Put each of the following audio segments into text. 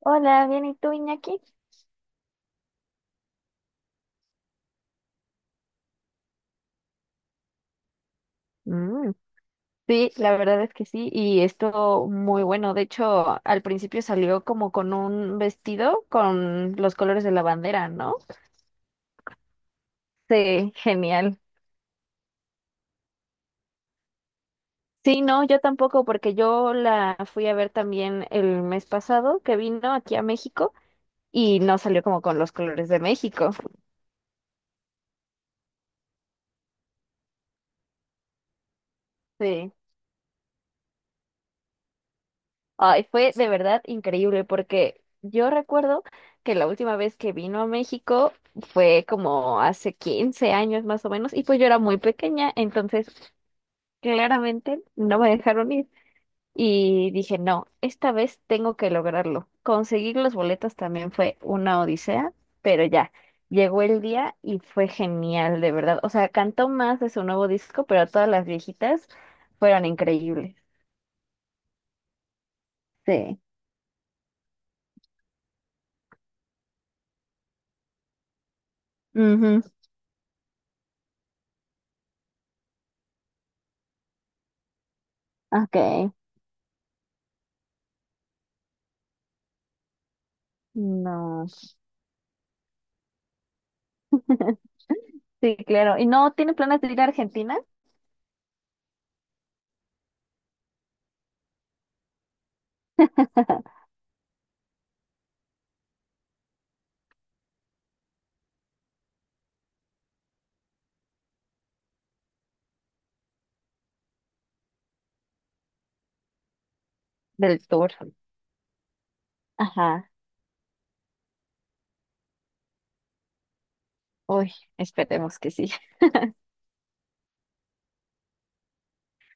Hola, bien, ¿y tú, Iñaki? Mm, sí, la verdad es que sí, y esto muy bueno. De hecho, al principio salió como con un vestido con los colores de la bandera, ¿no? Sí, genial. Sí, no, yo tampoco, porque yo la fui a ver también el mes pasado que vino aquí a México y no salió como con los colores de México. Sí. Ay, fue de verdad increíble porque yo recuerdo que la última vez que vino a México fue como hace 15 años más o menos y pues yo era muy pequeña, entonces claramente no me dejaron ir y dije, no, esta vez tengo que lograrlo. Conseguir los boletos también fue una odisea, pero ya, llegó el día y fue genial, de verdad. O sea, cantó más de su nuevo disco, pero todas las viejitas fueron increíbles. Sí. Ujú. Ok. No. Sí, claro. ¿Y no tiene planes de ir a Argentina? Del tour. Ajá. Uy, esperemos que sí.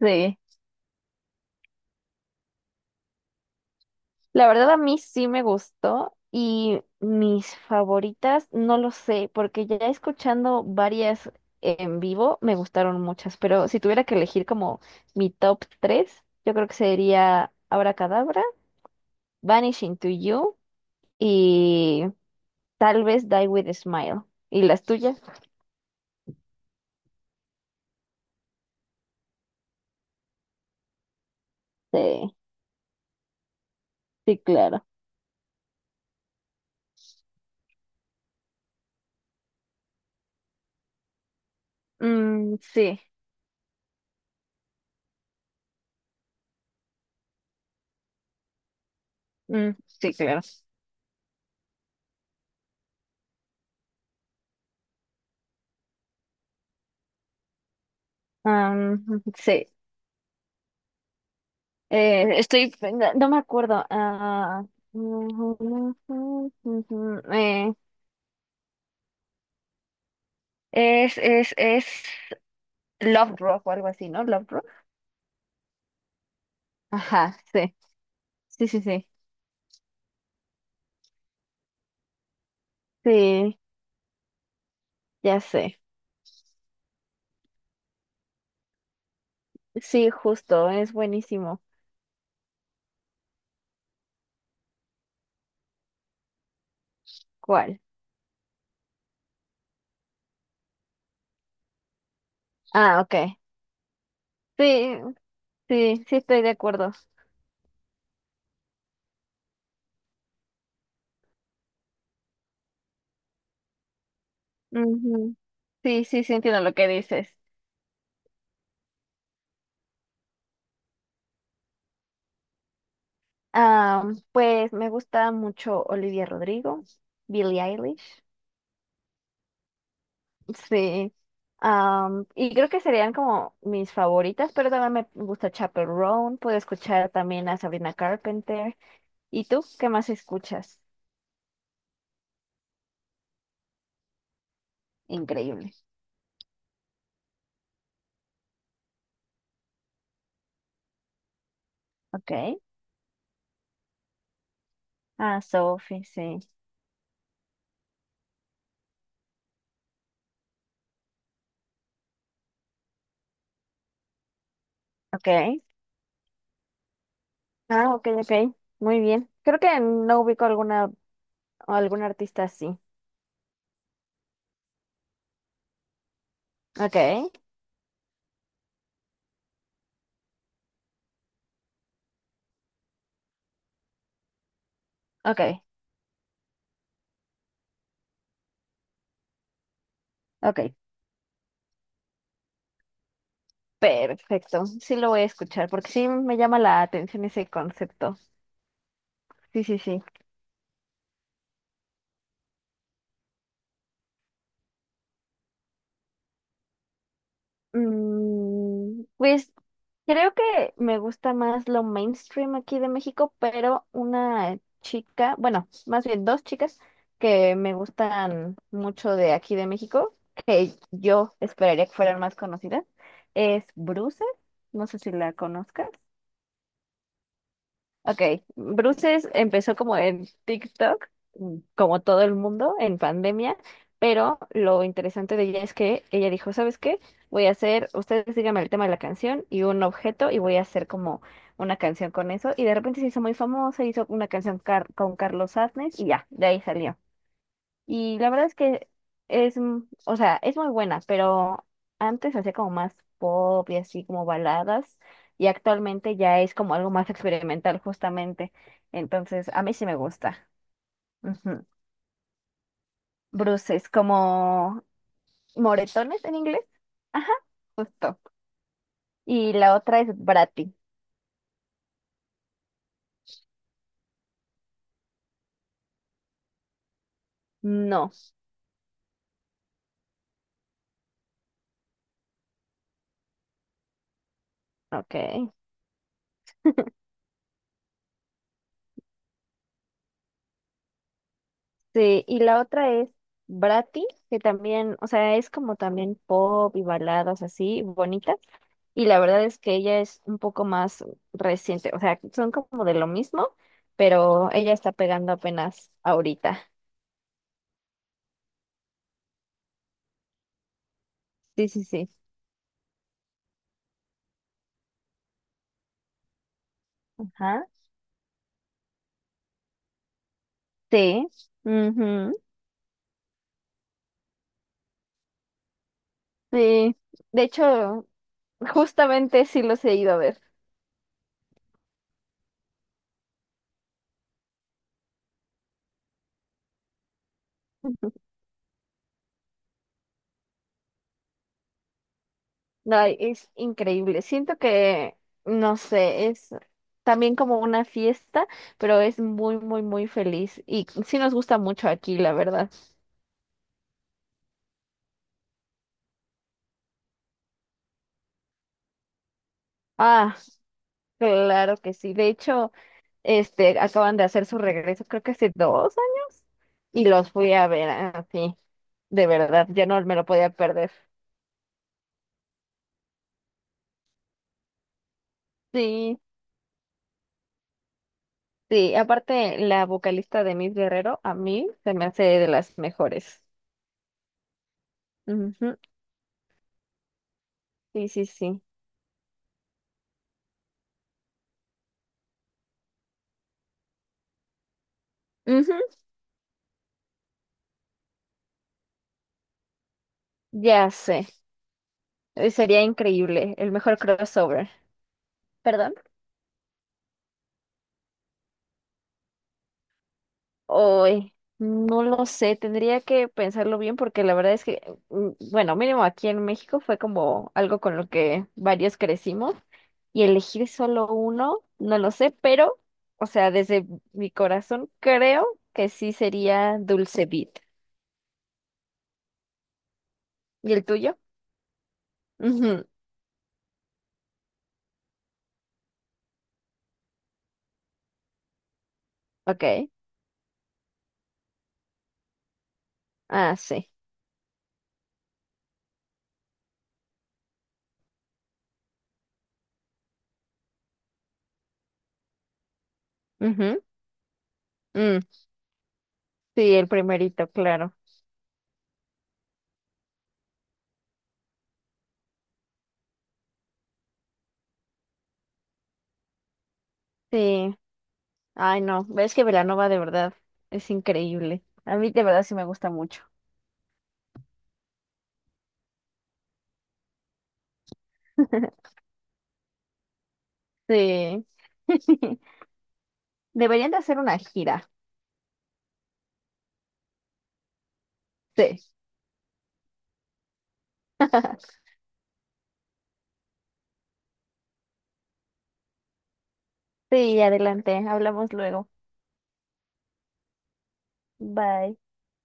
Sí. La verdad a mí sí me gustó y mis favoritas no lo sé, porque ya escuchando varias en vivo me gustaron muchas, pero si tuviera que elegir como mi top 3 yo creo que sería Abracadabra, Vanishing to You y tal vez Die with a Smile. ¿Y las tuyas? Sí, sí, claro. Mm, sí. Mm, sí, claro. Am, sí. Estoy, no, no me acuerdo. Ah, eh, es Love Rock o algo así, ¿no? Love Rock. Ajá, sí. Sí, sí, sí. Sí, ya sé. Sí, justo, es buenísimo. ¿Cuál? Ah, ok. Sí, sí, sí estoy de acuerdo. Ujú. Sí, sí, sí entiendo lo que dices. Ah, pues me gusta mucho Olivia Rodrigo, Billie Eilish. Sí. Am, y creo que serían como mis favoritas, pero también me gusta Chappell Roan, puedo escuchar también a Sabrina Carpenter. ¿Y tú qué más escuchas? Increíble. Okay. Ah, Sophie, sí. Okay. Ah, ok, ok. Muy bien. Creo que no ubico alguna algún artista así. Okay, okay, okay. Perfecto. Sí lo voy a escuchar porque sí me llama la atención ese concepto. Sí, sí, sí. Pues creo que me gusta más lo mainstream aquí de México, pero una chica, bueno, más bien dos chicas que me gustan mucho de aquí de México, que yo esperaría que fueran más conocidas, es Bruce, no sé si la conozcas. Ok, Bruces empezó como en TikTok, como todo el mundo, en pandemia, pero lo interesante de ella es que ella dijo, ¿sabes qué? Voy a hacer, ustedes díganme el tema de la canción y un objeto y voy a hacer como una canción con eso. Y de repente se hizo muy famosa, hizo una canción con Carlos Aznar y ya, de ahí salió. Y la verdad es que es, o sea, es muy buena, pero antes hacía como más pop y así como baladas, y actualmente ya es como algo más experimental justamente. Entonces, a mí sí me gusta. Ujú. Bruces, como moretones en inglés. Ajá, justo. Y la otra es Bratty. No, ok. Sí, y la otra es Brati, que también, o sea, es como también pop y baladas así, bonitas. Y la verdad es que ella es un poco más reciente, o sea, son como de lo mismo, pero ella está pegando apenas ahorita. Sí, sí, sí. Ajá. Sí. Ujú, sí. De hecho, justamente sí los he ido a ver. Ay, es increíble. Siento que, no sé, es también como una fiesta, pero es muy, muy, muy feliz. Y sí nos gusta mucho aquí, la verdad. Ah, claro que sí. De hecho, este, acaban de hacer su regreso, creo que hace 2 años, y los fui a ver así, de verdad, ya no me lo podía perder. Sí, sí. Aparte, la vocalista de Miss Guerrero, a mí se me hace de las mejores. Ujú, sí, sí, sí. Ujú, ya sé. Sería increíble, el mejor crossover, ¿perdón? Hoy, no lo sé, tendría que pensarlo bien porque la verdad es que, bueno, mínimo aquí en México fue como algo con lo que varios crecimos y elegir solo uno, no lo sé, pero, o sea, desde mi corazón creo que sí sería Dulce Beat. ¿Y el tuyo? Ujú, ok, ah, sí. Ujú, mm, sí, el primerito, claro. Sí. Ay, no, ves que Velanova de verdad es increíble. A mí de verdad sí me gusta mucho. Sí. Deberían de hacer una gira. Sí. Sí, adelante. Hablamos luego. Bye.